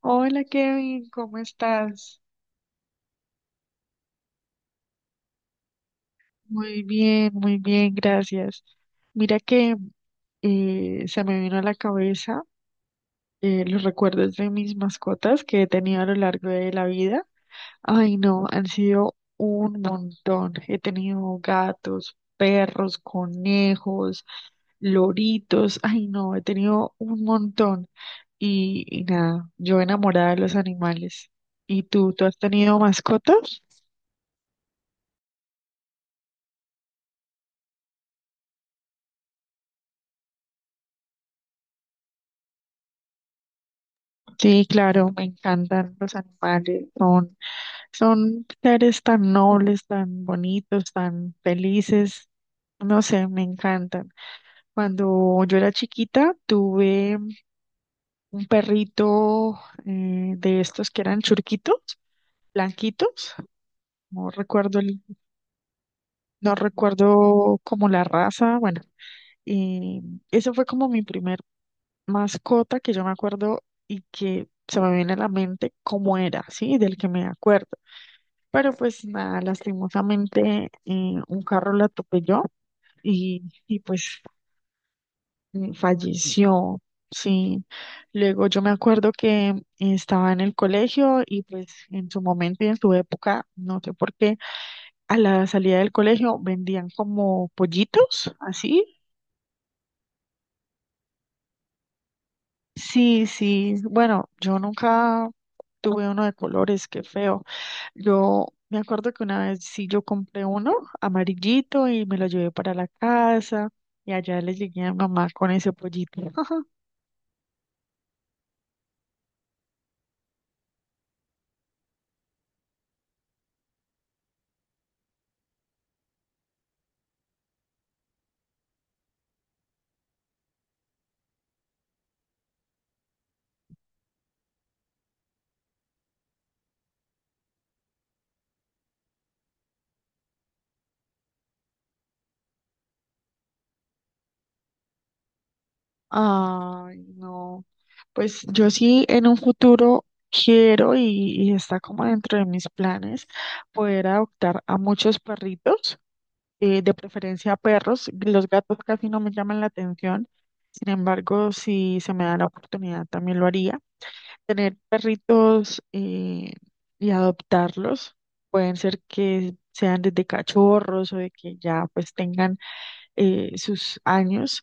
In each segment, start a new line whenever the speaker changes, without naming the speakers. Hola Kevin, ¿cómo estás? Muy bien, gracias. Mira que se me vino a la cabeza los recuerdos de mis mascotas que he tenido a lo largo de la vida. Ay, no, han sido un montón. He tenido gatos, perros, conejos, loritos. Ay, no, he tenido un montón. Y nada, yo enamorada de los animales. ¿Y tú has tenido mascotas? Sí, claro, me encantan los animales, son seres tan nobles, tan bonitos, tan felices, no sé, me encantan. Cuando yo era chiquita, tuve un perrito de estos que eran churquitos, blanquitos, no recuerdo no recuerdo como la raza, bueno, y eso fue como mi primer mascota que yo me acuerdo y que se me viene a la mente cómo era, ¿sí? Del que me acuerdo. Pero pues nada, lastimosamente un carro la atropelló y pues falleció. Sí, luego yo me acuerdo que estaba en el colegio y pues en su momento y en su época, no sé por qué, a la salida del colegio vendían como pollitos, así. Sí, sí, bueno, yo nunca tuve uno de colores, qué feo. Yo me acuerdo que una vez sí yo compré uno amarillito y me lo llevé para la casa y allá le llegué a mi mamá con ese pollito. Ay, no. Pues yo sí en un futuro quiero y está como dentro de mis planes poder adoptar a muchos perritos, de preferencia perros. Los gatos casi no me llaman la atención. Sin embargo, si se me da la oportunidad, también lo haría. Tener perritos y adoptarlos. Pueden ser que sean desde cachorros o de que ya pues tengan sus años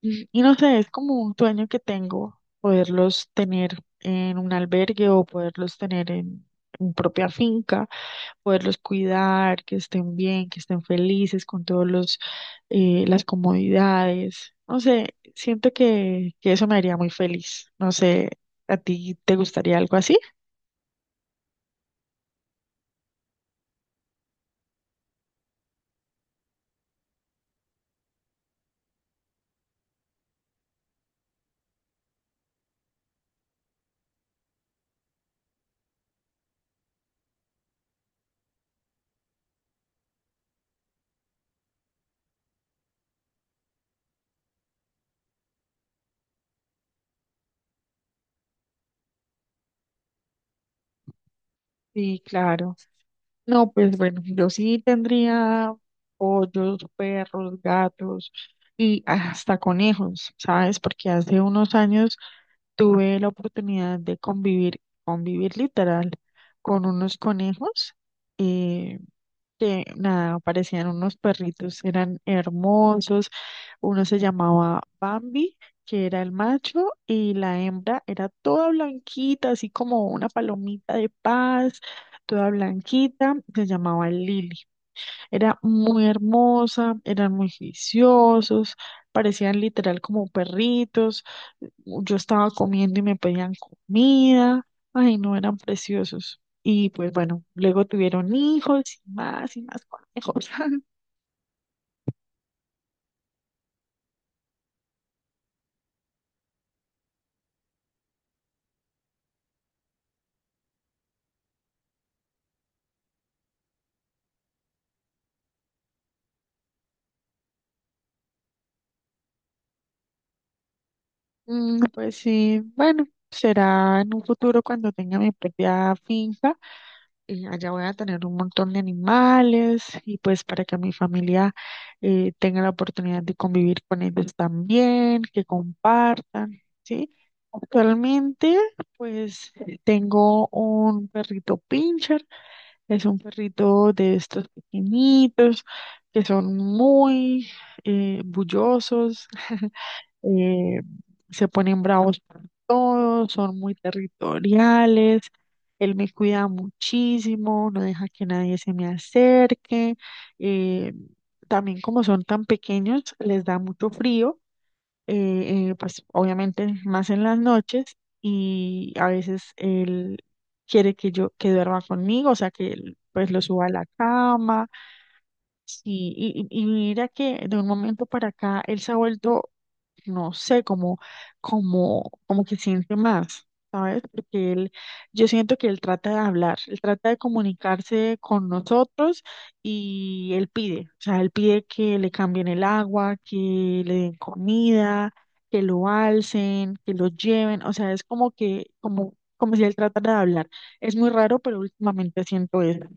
y no sé, es como un sueño que tengo, poderlos tener en un albergue o poderlos tener en mi propia finca, poderlos cuidar, que estén bien, que estén felices con todos las comodidades. No sé, siento que eso me haría muy feliz. No sé, ¿a ti te gustaría algo así? Sí, claro. No, pues bueno, yo sí tendría pollos, perros, gatos y hasta conejos, ¿sabes? Porque hace unos años tuve la oportunidad de convivir, convivir literal, con unos conejos. eh, que nada, parecían unos perritos, eran hermosos. Uno se llamaba Bambi, que era el macho, y la hembra era toda blanquita, así como una palomita de paz, toda blanquita, se llamaba Lily. Era muy hermosa, eran muy juiciosos, parecían literal como perritos. Yo estaba comiendo y me pedían comida. Ay, no, eran preciosos. Y pues bueno, luego tuvieron hijos y más conejos. Pues sí, bueno, será en un futuro cuando tenga mi propia finca allá voy a tener un montón de animales y pues para que mi familia tenga la oportunidad de convivir con ellos también, que compartan, ¿sí? Actualmente, pues tengo un perrito pincher, es un perrito de estos pequeñitos que son muy bullosos, eh, se ponen bravos por todo, son muy territoriales, él me cuida muchísimo, no deja que nadie se me acerque, eh, también como son tan pequeños, les da mucho frío, pues obviamente más en las noches y a veces él quiere que yo que duerma conmigo, o sea que él, pues lo suba a la cama, sí, y mira que de un momento para acá él se ha vuelto no sé, como que siente más, ¿sabes? Porque él, yo siento que él trata de hablar, él trata de comunicarse con nosotros y él pide, o sea, él pide que le cambien el agua, que le den comida, que lo alcen, que lo lleven, o sea, es como si él tratara de hablar. Es muy raro, pero últimamente siento eso.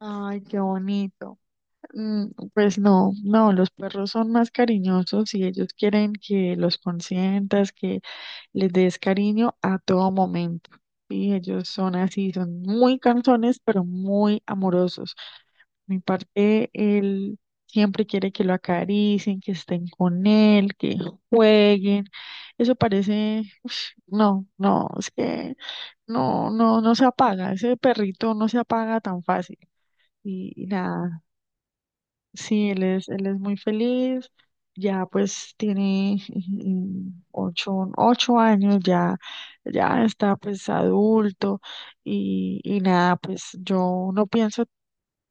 Ay, qué bonito. Pues no, no, los perros son más cariñosos y ellos quieren que los consientas, que les des cariño a todo momento. Y ellos son así, son muy cansones, pero muy amorosos. Mi parte, él siempre quiere que lo acaricien, que estén con él, que jueguen. Eso parece, ush, no, no, es que no, no, no se apaga. Ese perrito no se apaga tan fácil. Y nada. Sí, él es muy feliz, ya pues tiene ocho años, ya, ya está pues adulto y nada, pues yo no pienso,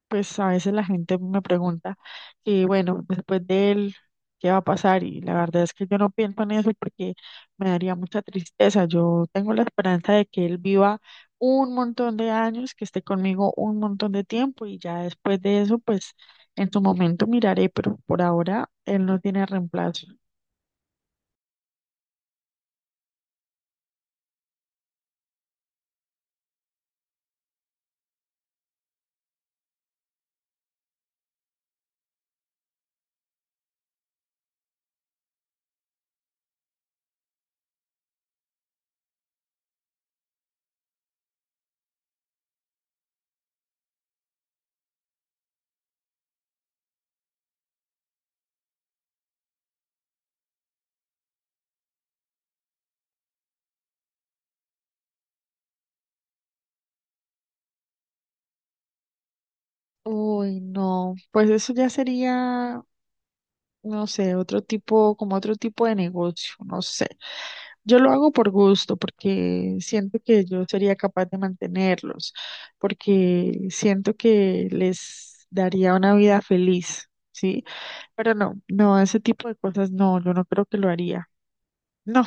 pues a veces la gente me pregunta y bueno, después de él, ¿qué va a pasar? Y la verdad es que yo no pienso en eso porque me daría mucha tristeza. Yo tengo la esperanza de que él viva un montón de años, que esté conmigo un montón de tiempo y ya después de eso, pues en su momento miraré, pero por ahora él no tiene reemplazo. Uy, no, pues eso ya sería, no sé, otro tipo, como otro tipo de negocio, no sé. Yo lo hago por gusto, porque siento que yo sería capaz de mantenerlos, porque siento que les daría una vida feliz, ¿sí? Pero no, no, ese tipo de cosas no, yo no creo que lo haría. No,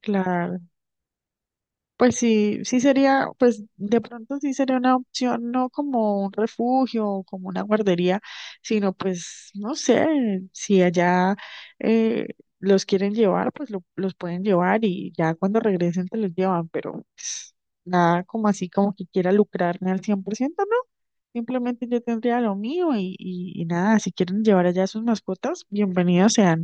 claro. Pues sí, sí sería, pues de pronto sí sería una opción, no como un refugio o como una guardería, sino pues, no sé, si allá eh, los quieren llevar, pues los pueden llevar y ya cuando regresen te los llevan, pero pues, nada como así como que quiera lucrarme al 100% no, simplemente yo tendría lo mío y nada, si quieren llevar allá sus mascotas, bienvenidos sean.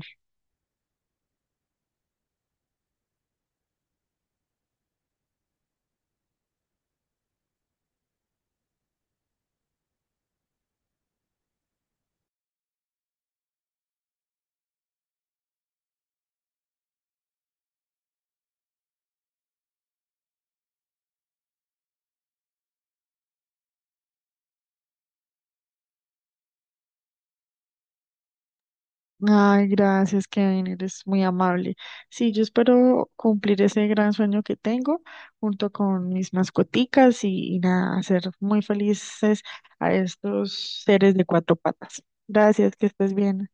Ay, gracias, Kevin, eres muy amable. Sí, yo espero cumplir ese gran sueño que tengo junto con mis mascoticas y nada, hacer muy felices a estos seres de cuatro patas. Gracias, que estés bien.